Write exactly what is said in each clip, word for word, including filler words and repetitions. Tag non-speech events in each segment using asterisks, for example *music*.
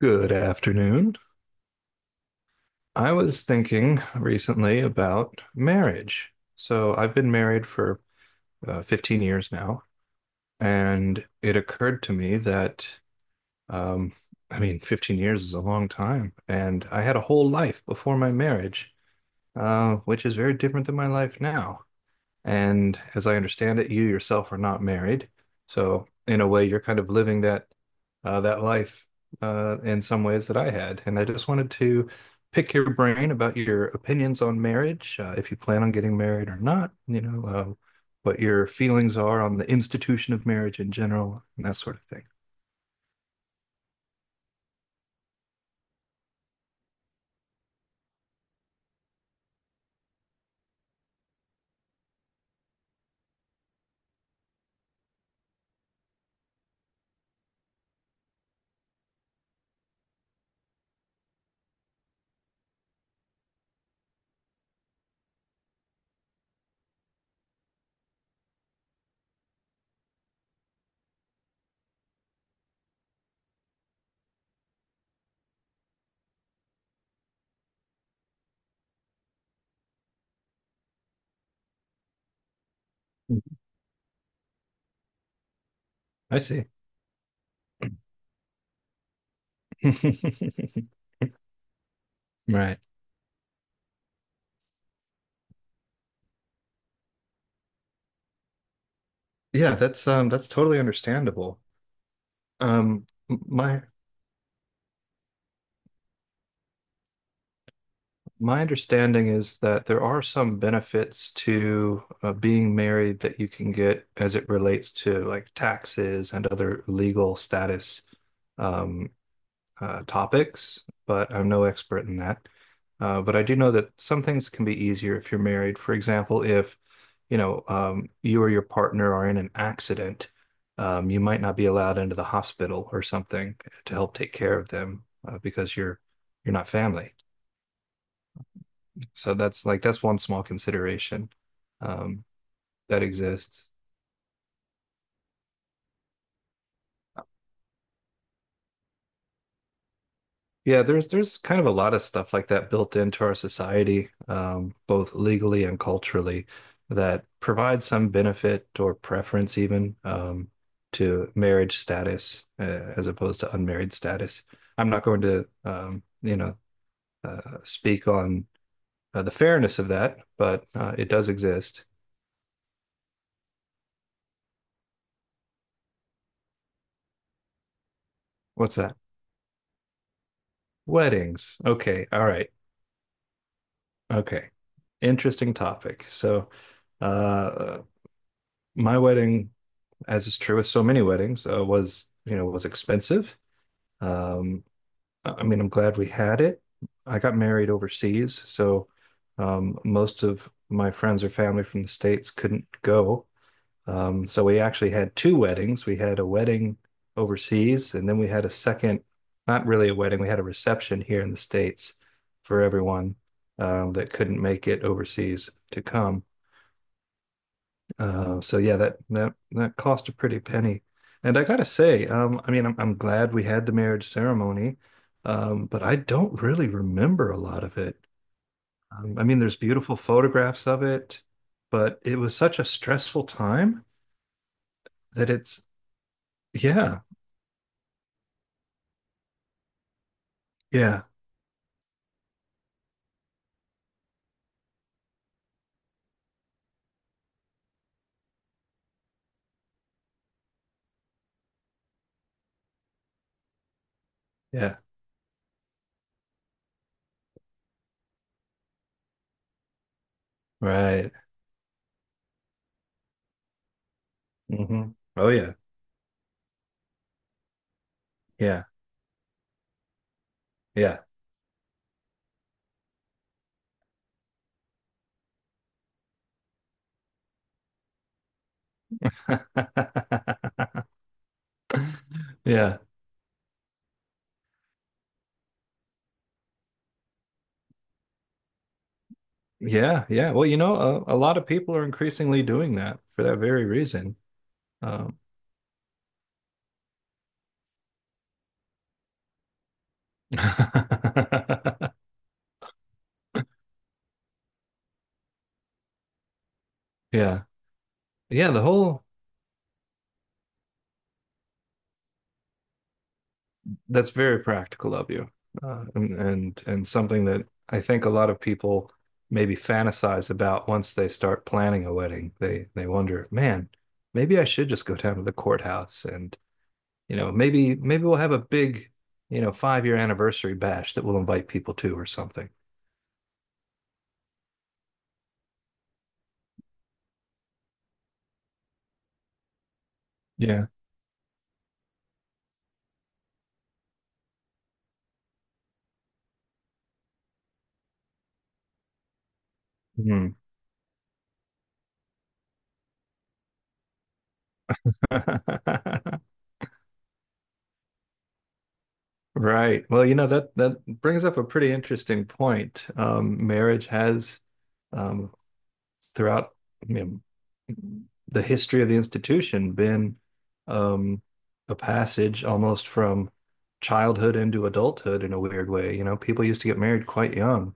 Good afternoon. I was thinking recently about marriage. So I've been married for uh, fifteen years now, and it occurred to me that, um, I mean, fifteen years is a long time, and I had a whole life before my marriage, uh, which is very different than my life now. And as I understand it, you yourself are not married. So in a way, you're kind of living that uh, that life uh, in some ways that I had. And I just wanted to pick your brain about your opinions on marriage, uh, if you plan on getting married or not, you know, uh, what your feelings are on the institution of marriage in general, and that sort of thing. Mm. I see. *laughs* Right. Yeah, that's um that's totally understandable. Um my My understanding is that there are some benefits to uh, being married that you can get as it relates to like taxes and other legal status um, uh, topics, but I'm no expert in that. Uh, but I do know that some things can be easier if you're married. For example, if you know um, you or your partner are in an accident, um, you might not be allowed into the hospital or something to help take care of them uh, because you're you're not family. So that's like that's one small consideration um, that exists. Yeah, there's there's kind of a lot of stuff like that built into our society, um, both legally and culturally, that provides some benefit or preference even um, to marriage status uh, as opposed to unmarried status. I'm not going to um, you know uh, speak on uh, the fairness of that, but uh, it does exist. What's that? Weddings. Okay, all right. Okay. Interesting topic. So, uh, my wedding, as is true with so many weddings, uh, was, you know, was expensive. Um, I I mean, I'm glad we had it. I got married overseas, so um, most of my friends or family from the States couldn't go. Um, so we actually had two weddings. We had a wedding overseas, and then we had a second, not really a wedding, we had a reception here in the States for everyone um, that couldn't make it overseas to come. Uh, so yeah, that that that cost a pretty penny. And I gotta say, um, I mean, I'm, I'm glad we had the marriage ceremony, um, but I don't really remember a lot of it. Um, I mean, there's beautiful photographs of it, but it was such a stressful time that it's yeah, Yeah. Yeah. Right. hmm Oh yeah. Yeah. Yeah. *laughs* Yeah. Yeah. Yeah. Well, you know, a, a lot of people are increasingly doing that for that very reason. Um, *laughs* yeah. Yeah. The whole that's very practical of you, uh, and, and and something that I think a lot of people maybe fantasize about once they start planning a wedding. They they wonder, man, maybe I should just go down to the courthouse and you know, maybe maybe we'll have a big, you know, five year anniversary bash that we'll invite people to or something. Yeah. Hmm. *laughs* Right. Well, you know, that that brings up a pretty interesting point. Um, marriage has um, throughout, you know, the history of the institution been um, a passage almost from childhood into adulthood in a weird way. You know, people used to get married quite young,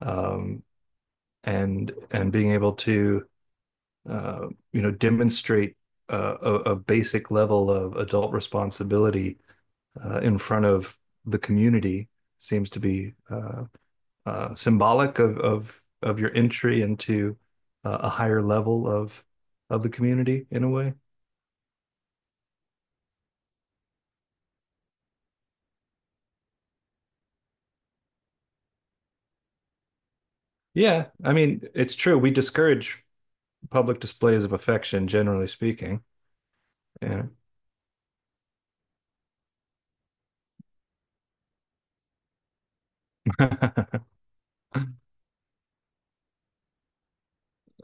um, and and being able to uh, you know, demonstrate uh, a, a basic level of adult responsibility uh, in front of the community seems to be uh, uh, symbolic of, of of your entry into uh, a higher level of of the community in a way. Yeah, I mean, it's true. We discourage public displays of affection, generally speaking. Yeah.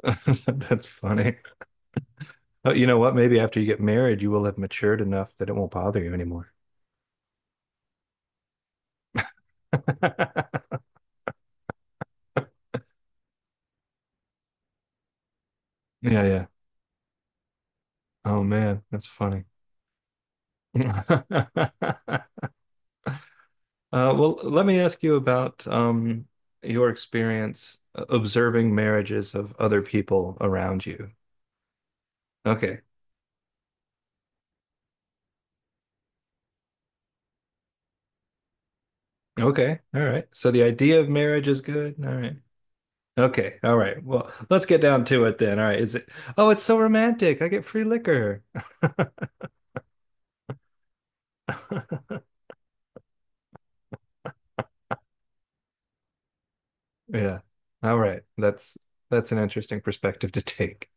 *laughs* That's funny. Oh, you know what? Maybe after you get married, you will have matured enough that it won't bother you anymore. *laughs* Yeah, yeah. Oh man, that's funny. *laughs* Uh, well, let me ask you about um, your experience observing marriages of other people around you. Okay. Okay. All right. So the idea of marriage is good. All right. Okay. All right. Well, let's get down to it then. All right. Is it, oh, it's so romantic. I get free liquor. *laughs* Yeah. All right. That's that's an interesting perspective to take.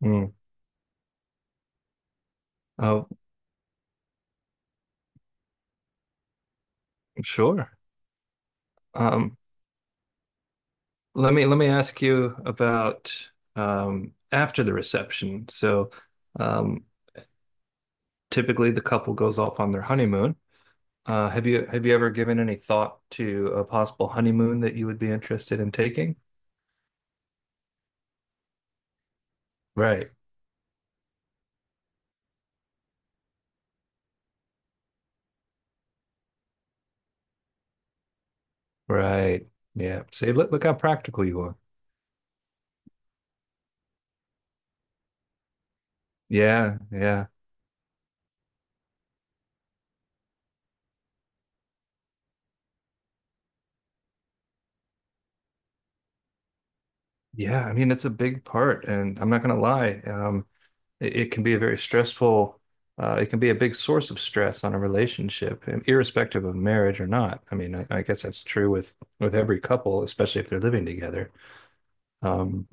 Mm. Oh, sure. Um, let me let me ask you about um, after the reception. So, um, typically the couple goes off on their honeymoon. Uh, have you have you ever given any thought to a possible honeymoon that you would be interested in taking? Right. Right. Yeah. See, look look how practical you are. Yeah. Yeah. Yeah. I mean, it's a big part, and I'm not gonna lie. Um, it, it can be a very stressful, uh, it can be a big source of stress on a relationship, um, irrespective of marriage or not. I mean, I, I guess that's true with with every couple, especially if they're living together. Um,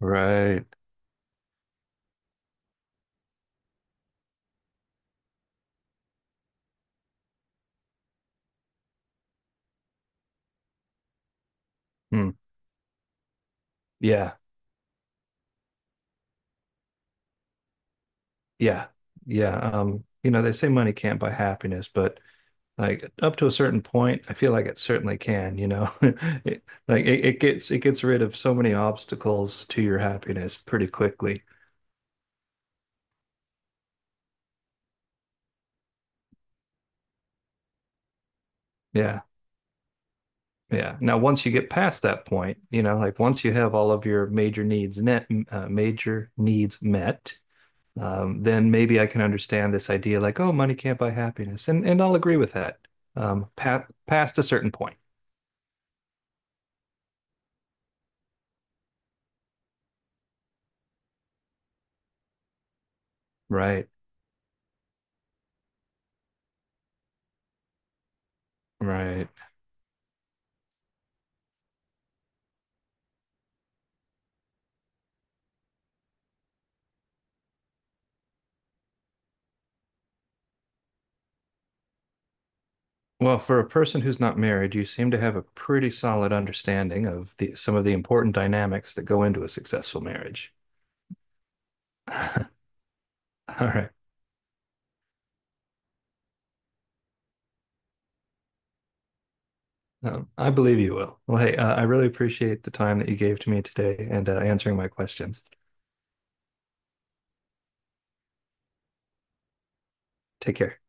right. Hmm. Yeah. Yeah. Yeah. Um, you know, they say money can't buy happiness, but like up to a certain point, I feel like it certainly can, you know. *laughs* It, like it, it gets it gets rid of so many obstacles to your happiness pretty quickly. Yeah. Yeah. Now, once you get past that point, you know, like once you have all of your major needs net, uh, major needs met, um, then maybe I can understand this idea like, oh, money can't buy happiness. And and I'll agree with that. Um, pa Past a certain point. Right. Right. Well, for a person who's not married, you seem to have a pretty solid understanding of the some of the important dynamics that go into a successful marriage. *laughs* All right. Um, I believe you will. Well, hey, uh, I really appreciate the time that you gave to me today and uh, answering my questions. Take care.